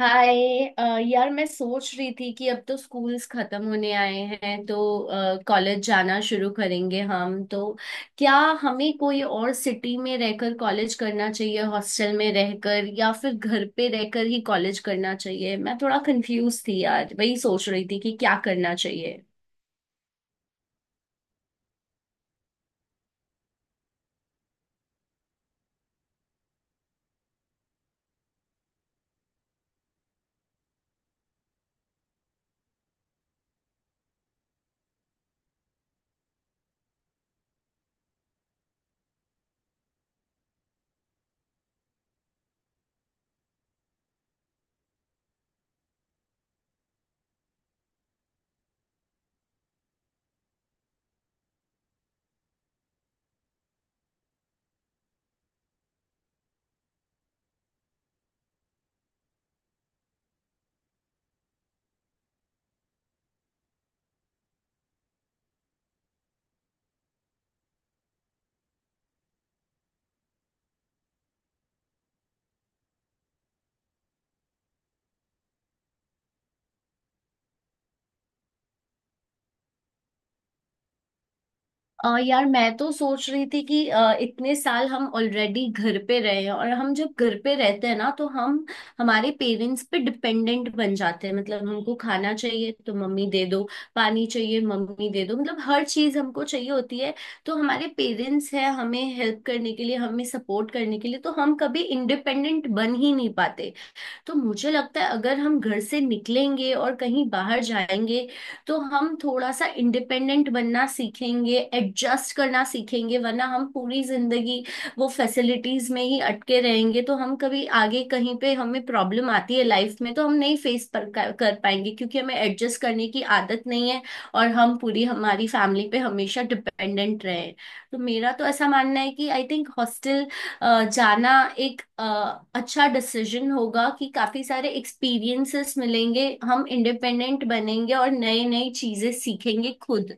हाय। यार मैं सोच रही थी कि अब तो स्कूल्स खत्म होने आए हैं तो कॉलेज जाना शुरू करेंगे हम। तो क्या हमें कोई और सिटी में रहकर कॉलेज करना चाहिए, हॉस्टल में रहकर, या फिर घर पे रहकर ही कॉलेज करना चाहिए। मैं थोड़ा कंफ्यूज थी यार, वही सोच रही थी कि क्या करना चाहिए। यार मैं तो सोच रही थी कि इतने साल हम ऑलरेडी घर पे रहे हैं, और हम जब घर पे रहते हैं ना तो हम हमारे पेरेंट्स पे डिपेंडेंट बन जाते हैं। मतलब हमको खाना चाहिए तो मम्मी दे दो, पानी चाहिए मम्मी दे दो, मतलब हर चीज हमको चाहिए होती है। तो हमारे पेरेंट्स हैं हमें हेल्प करने के लिए, हमें सपोर्ट करने के लिए, तो हम कभी इंडिपेंडेंट बन ही नहीं पाते। तो मुझे लगता है अगर हम घर से निकलेंगे और कहीं बाहर जाएंगे तो हम थोड़ा सा इंडिपेंडेंट बनना सीखेंगे, एडजस्ट करना सीखेंगे। वरना हम पूरी जिंदगी वो फैसिलिटीज में ही अटके रहेंगे, तो हम कभी आगे कहीं पे हमें प्रॉब्लम आती है लाइफ में तो हम नहीं फेस पर कर पाएंगे, क्योंकि हमें एडजस्ट करने की आदत नहीं है और हम पूरी हमारी फैमिली पे हमेशा डिपेंडेंट रहे। तो मेरा तो ऐसा मानना है कि आई थिंक हॉस्टल जाना एक अच्छा डिसीजन होगा कि काफी सारे एक्सपीरियंसेस मिलेंगे, हम इंडिपेंडेंट बनेंगे और नई नई चीजें सीखेंगे खुद।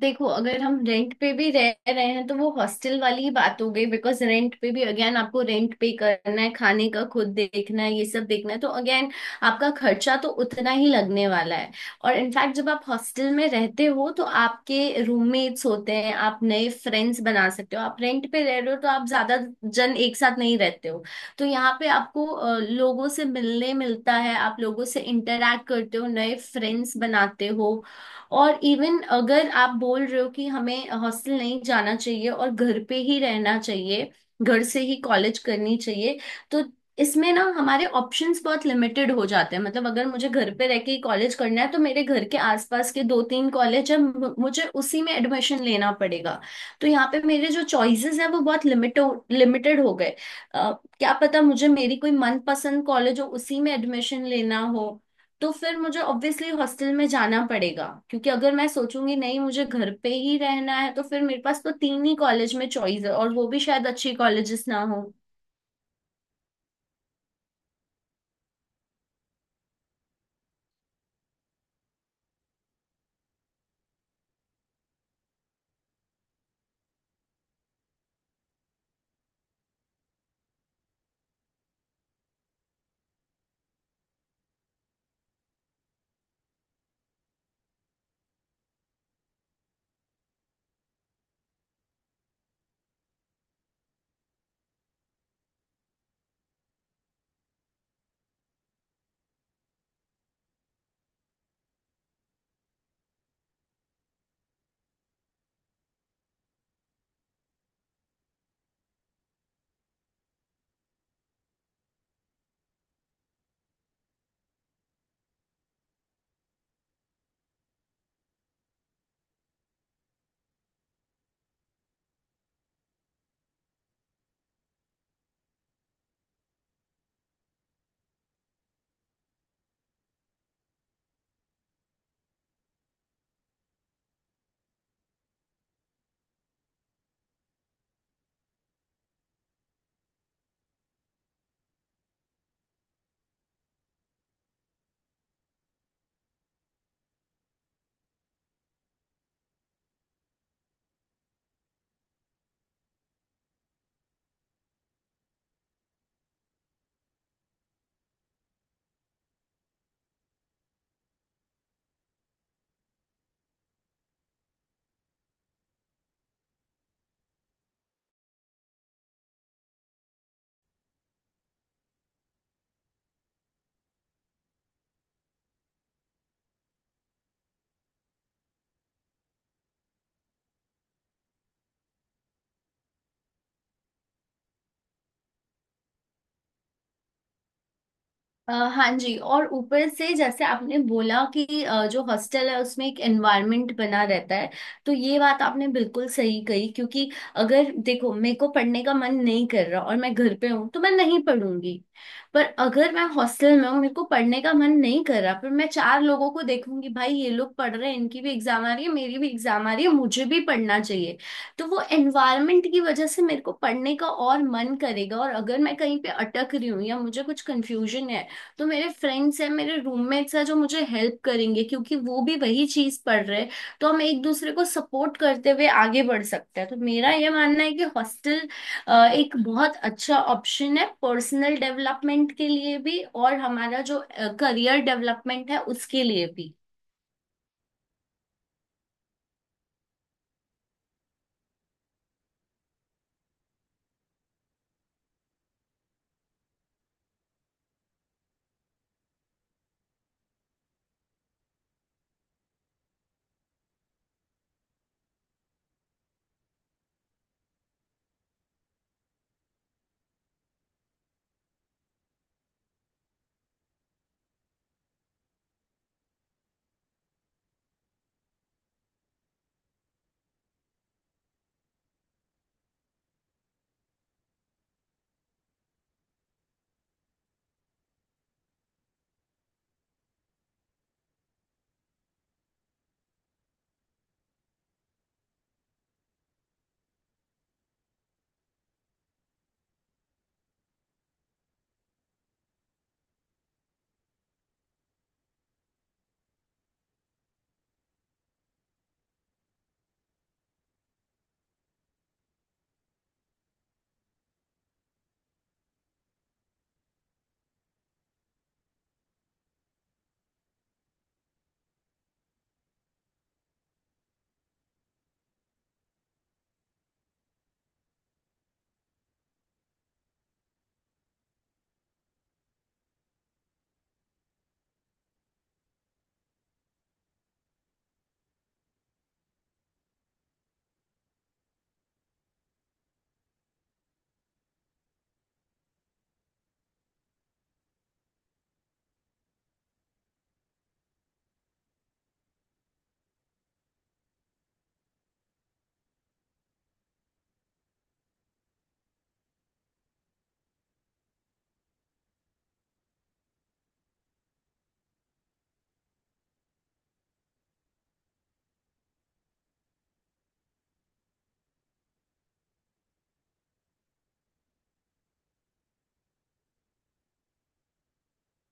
देखो, अगर हम रेंट पे भी रह रहे हैं तो वो हॉस्टल वाली ही बात हो गई। बिकॉज रेंट पे भी अगेन आपको रेंट पे करना है, खाने का खुद देखना है, ये सब देखना है, तो अगेन आपका खर्चा तो उतना ही लगने वाला है। और इनफैक्ट जब आप हॉस्टल में रहते हो तो आपके रूममेट्स होते हैं, आप नए फ्रेंड्स बना सकते हो। आप रेंट पे रह रहे हो तो आप ज्यादा जन एक साथ नहीं रहते हो। तो यहाँ पे आपको लोगों से मिलने मिलता है, आप लोगों से इंटरेक्ट करते हो, नए फ्रेंड्स बनाते हो। और इवन अगर आप बोल रहे हो कि हमें हॉस्टल नहीं जाना चाहिए और घर पे ही रहना चाहिए, घर से ही कॉलेज करनी चाहिए, तो इसमें ना हमारे ऑप्शंस बहुत लिमिटेड हो जाते हैं। मतलब अगर मुझे घर पे रह के ही कॉलेज करना है तो मेरे घर के आसपास के दो तीन कॉलेज है, मुझे उसी में एडमिशन लेना पड़ेगा। तो यहाँ पे मेरे जो चॉइसेस हैं वो बहुत लिमिटेड हो गए। अ, क्या पता मुझे मेरी कोई मनपसंद कॉलेज हो, उसी में एडमिशन लेना हो, तो फिर मुझे ऑब्वियसली हॉस्टल में जाना पड़ेगा। क्योंकि अगर मैं सोचूंगी नहीं मुझे घर पे ही रहना है, तो फिर मेरे पास तो तीन ही कॉलेज में चॉइस है और वो भी शायद अच्छी कॉलेजेस ना हो। हाँ जी, और ऊपर से जैसे आपने बोला कि जो हॉस्टल है उसमें एक एनवायरनमेंट बना रहता है, तो ये बात आपने बिल्कुल सही कही। क्योंकि अगर देखो मेरे को पढ़ने का मन नहीं कर रहा और मैं घर पे हूँ तो मैं नहीं पढ़ूंगी। पर अगर मैं हॉस्टल में हूँ, मेरे को पढ़ने का मन नहीं कर रहा, पर मैं चार लोगों को देखूंगी, भाई ये लोग पढ़ रहे हैं, इनकी भी एग्जाम आ रही है, मेरी भी एग्जाम आ रही है, मुझे भी पढ़ना चाहिए। तो वो एनवायरनमेंट की वजह से मेरे को पढ़ने का और मन करेगा। और अगर मैं कहीं पे अटक रही हूँ या मुझे कुछ कंफ्यूजन है, तो मेरे फ्रेंड्स हैं, मेरे रूममेट्स हैं, जो मुझे हेल्प करेंगे, क्योंकि वो भी वही चीज पढ़ रहे हैं। तो हम एक दूसरे को सपोर्ट करते हुए आगे बढ़ सकते हैं। तो मेरा ये मानना है कि हॉस्टल एक बहुत अच्छा ऑप्शन है, पर्सनल डेवलपमेंट के लिए भी और हमारा जो करियर डेवलपमेंट है उसके लिए भी।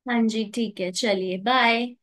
हाँ जी, ठीक है, चलिए बाय।